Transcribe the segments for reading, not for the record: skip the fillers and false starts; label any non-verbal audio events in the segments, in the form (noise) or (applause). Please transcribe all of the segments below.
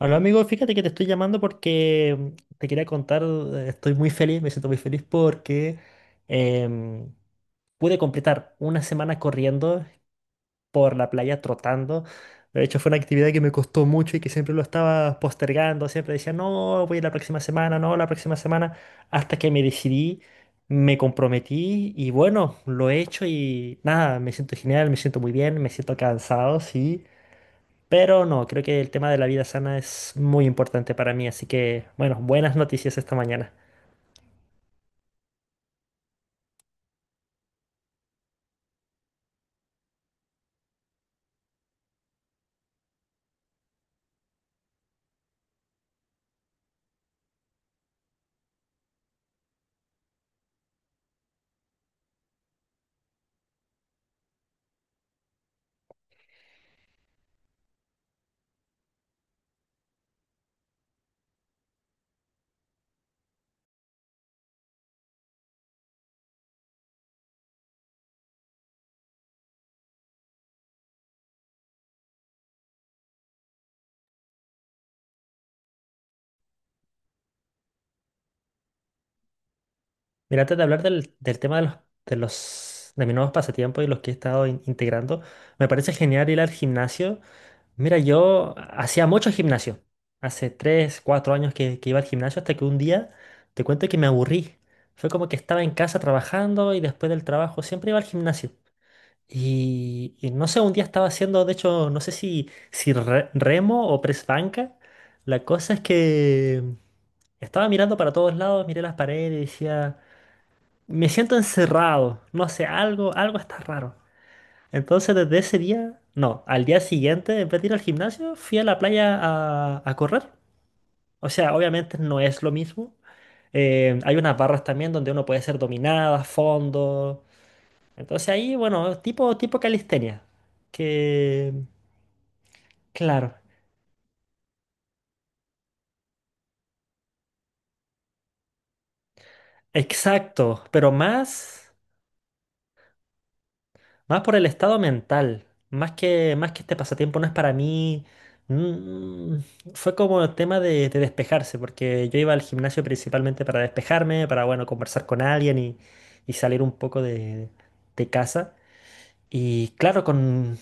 Hola amigo, fíjate que te estoy llamando porque te quería contar, estoy muy feliz, me siento muy feliz porque em, pude completar una semana corriendo por la playa, trotando. De hecho, fue una actividad que me costó mucho y que siempre lo estaba postergando, siempre decía, no, voy la próxima semana, no, la próxima semana, hasta que me decidí, me comprometí y bueno, lo he hecho y nada, me siento genial, me siento muy bien, me siento cansado, sí. Pero no, creo que el tema de la vida sana es muy importante para mí, así que, bueno, buenas noticias esta mañana. Mira, antes de hablar del tema de de mis nuevos pasatiempos y los que he estado integrando, me parece genial ir al gimnasio. Mira, yo hacía mucho gimnasio, hace 3 4 años que iba al gimnasio, hasta que un día te cuento que me aburrí. Fue como que estaba en casa trabajando y después del trabajo siempre iba al gimnasio. Y no sé, un día estaba haciendo, de hecho, no sé si remo o press banca. La cosa es que estaba mirando para todos lados, miré las paredes y decía, me siento encerrado, no sé, algo, algo está raro. Entonces desde ese día, no, al día siguiente, en vez de ir al gimnasio, fui a la playa a correr. O sea, obviamente no es lo mismo. Hay unas barras también donde uno puede ser dominada, fondo. Entonces ahí, bueno, tipo, tipo calistenia que claro, exacto, pero más, más por el estado mental, más que este pasatiempo no es para mí, mm, fue como el tema de despejarse, porque yo iba al gimnasio principalmente para despejarme, para, bueno, conversar con alguien y salir un poco de casa. Y claro, con,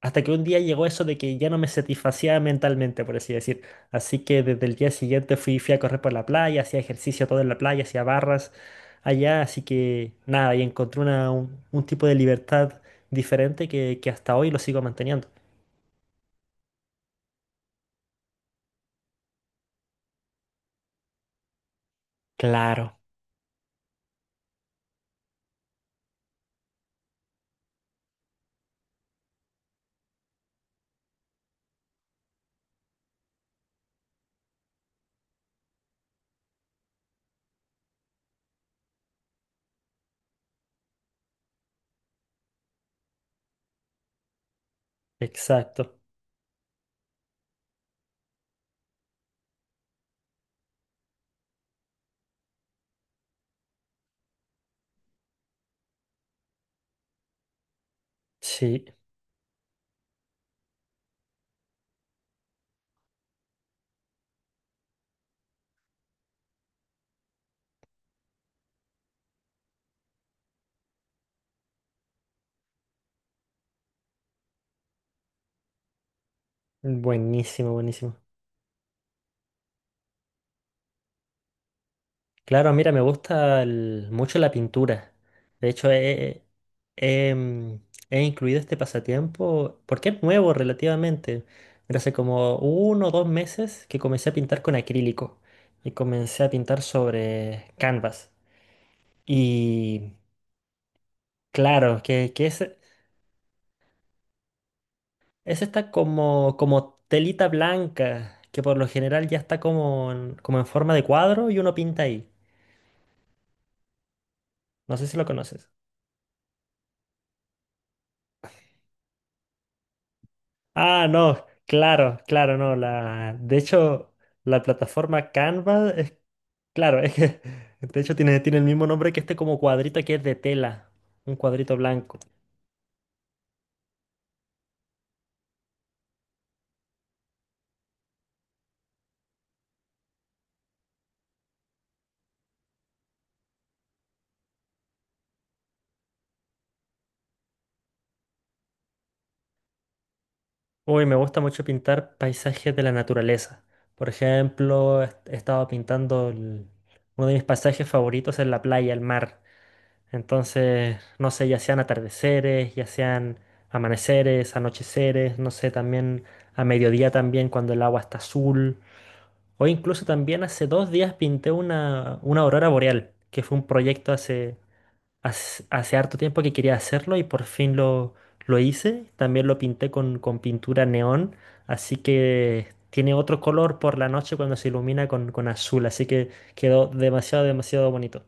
hasta que un día llegó eso de que ya no me satisfacía mentalmente, por así decir. Así que desde el día siguiente fui, fui a correr por la playa, hacía ejercicio todo en la playa, hacía barras allá. Así que nada, y encontré un tipo de libertad diferente que hasta hoy lo sigo manteniendo. Claro. Exacto. Sí, buenísimo, buenísimo. Claro, mira, me gusta mucho la pintura. De hecho, he, mm, he incluido este pasatiempo porque es nuevo relativamente. Pero hace como uno o dos meses que comencé a pintar con acrílico y comencé a pintar sobre canvas. Y claro, que es esta como, como telita blanca que por lo general ya está como en, como en forma de cuadro y uno pinta ahí. No sé si lo conoces. Ah, no, claro, claro, no. La, de hecho, la plataforma Canva es, claro, (laughs) es que, de hecho, tiene, tiene el mismo nombre que este como cuadrito que es de tela, un cuadrito blanco. Uy, me gusta mucho pintar paisajes de la naturaleza. Por ejemplo, he estado pintando uno de mis paisajes favoritos es la playa, el mar. Entonces, no sé, ya sean atardeceres, ya sean amaneceres, anocheceres, no sé, también a mediodía también cuando el agua está azul. O incluso también hace dos días pinté una aurora boreal, que fue un proyecto hace, hace harto tiempo que quería hacerlo y por fin lo hice. También lo pinté con pintura neón, así que tiene otro color por la noche cuando se ilumina con azul, así que quedó demasiado, demasiado bonito.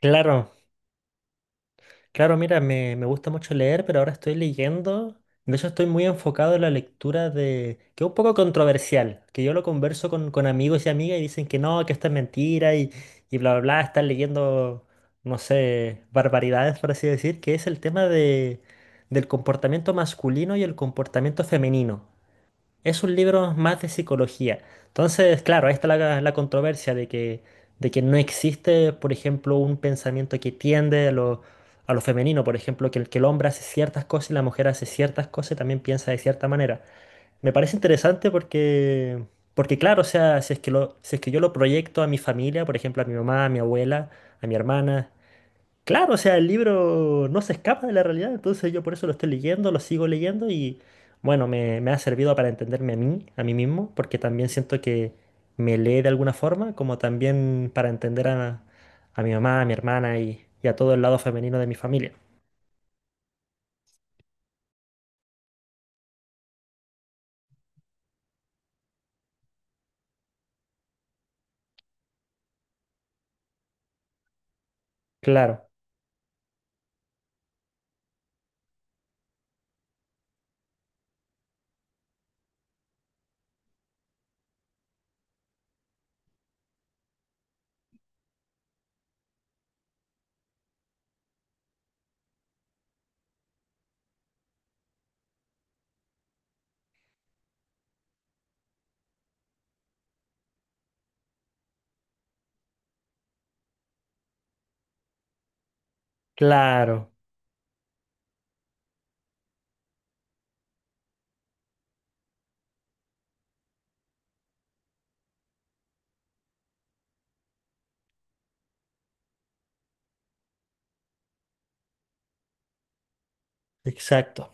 Claro, claro, mira, me gusta mucho leer, pero ahora estoy leyendo. De hecho, estoy muy enfocado en la lectura de... que es un poco controversial, que yo lo converso con amigos y amigas y dicen que no, que esto es mentira y bla, bla, bla, están leyendo, no sé, barbaridades, por así decir, que es el tema de, del comportamiento masculino y el comportamiento femenino. Es un libro más de psicología. Entonces, claro, ahí está la, la controversia de que no existe, por ejemplo, un pensamiento que tiende a lo femenino, por ejemplo, que el hombre hace ciertas cosas y la mujer hace ciertas cosas y también piensa de cierta manera. Me parece interesante porque, porque claro, o sea, si es que lo, si es que yo lo proyecto a mi familia, por ejemplo, a mi mamá, a mi abuela, a mi hermana, claro, o sea, el libro no se escapa de la realidad, entonces yo por eso lo estoy leyendo, lo sigo leyendo y bueno, me ha servido para entenderme a mí mismo, porque también siento que me lee de alguna forma, como también para entender a mi mamá, a mi hermana y a todo el lado femenino de mi familia. Claro, claro, exacto,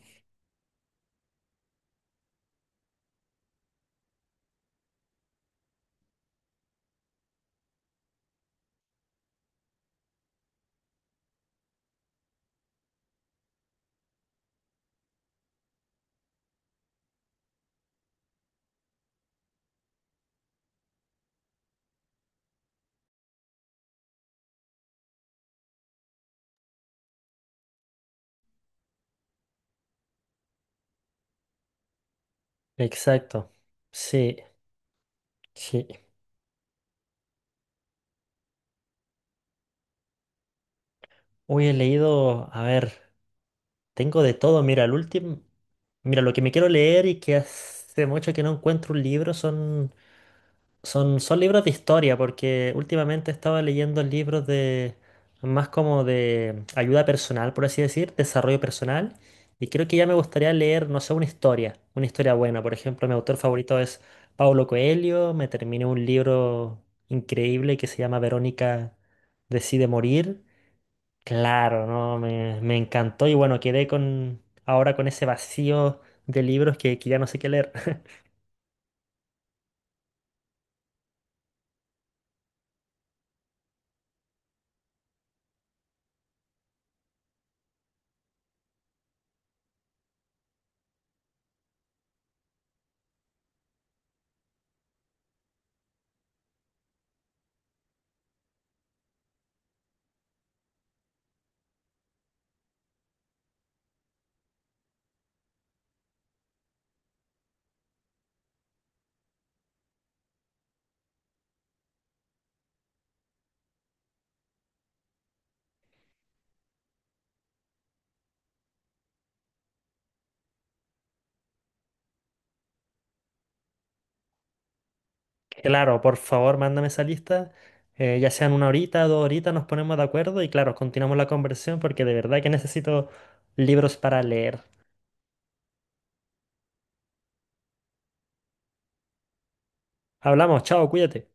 exacto. Sí, sí. Hoy he leído, a ver, tengo de todo, mira, el último, mira, lo que me quiero leer y que hace mucho que no encuentro un libro son... Son libros de historia, porque últimamente estaba leyendo libros de más como de ayuda personal, por así decir, desarrollo personal. Y creo que ya me gustaría leer, no sé, una historia buena. Por ejemplo, mi autor favorito es Paulo Coelho. Me terminé un libro increíble que se llama Verónica decide morir. Claro, no, me encantó y bueno, quedé con ahora con ese vacío de libros que ya no sé qué leer. (laughs) Claro, por favor, mándame esa lista. Eh, ya sean una horita, dos horitas, nos ponemos de acuerdo y claro, continuamos la conversación porque de verdad que necesito libros para leer. Hablamos, chao, cuídate.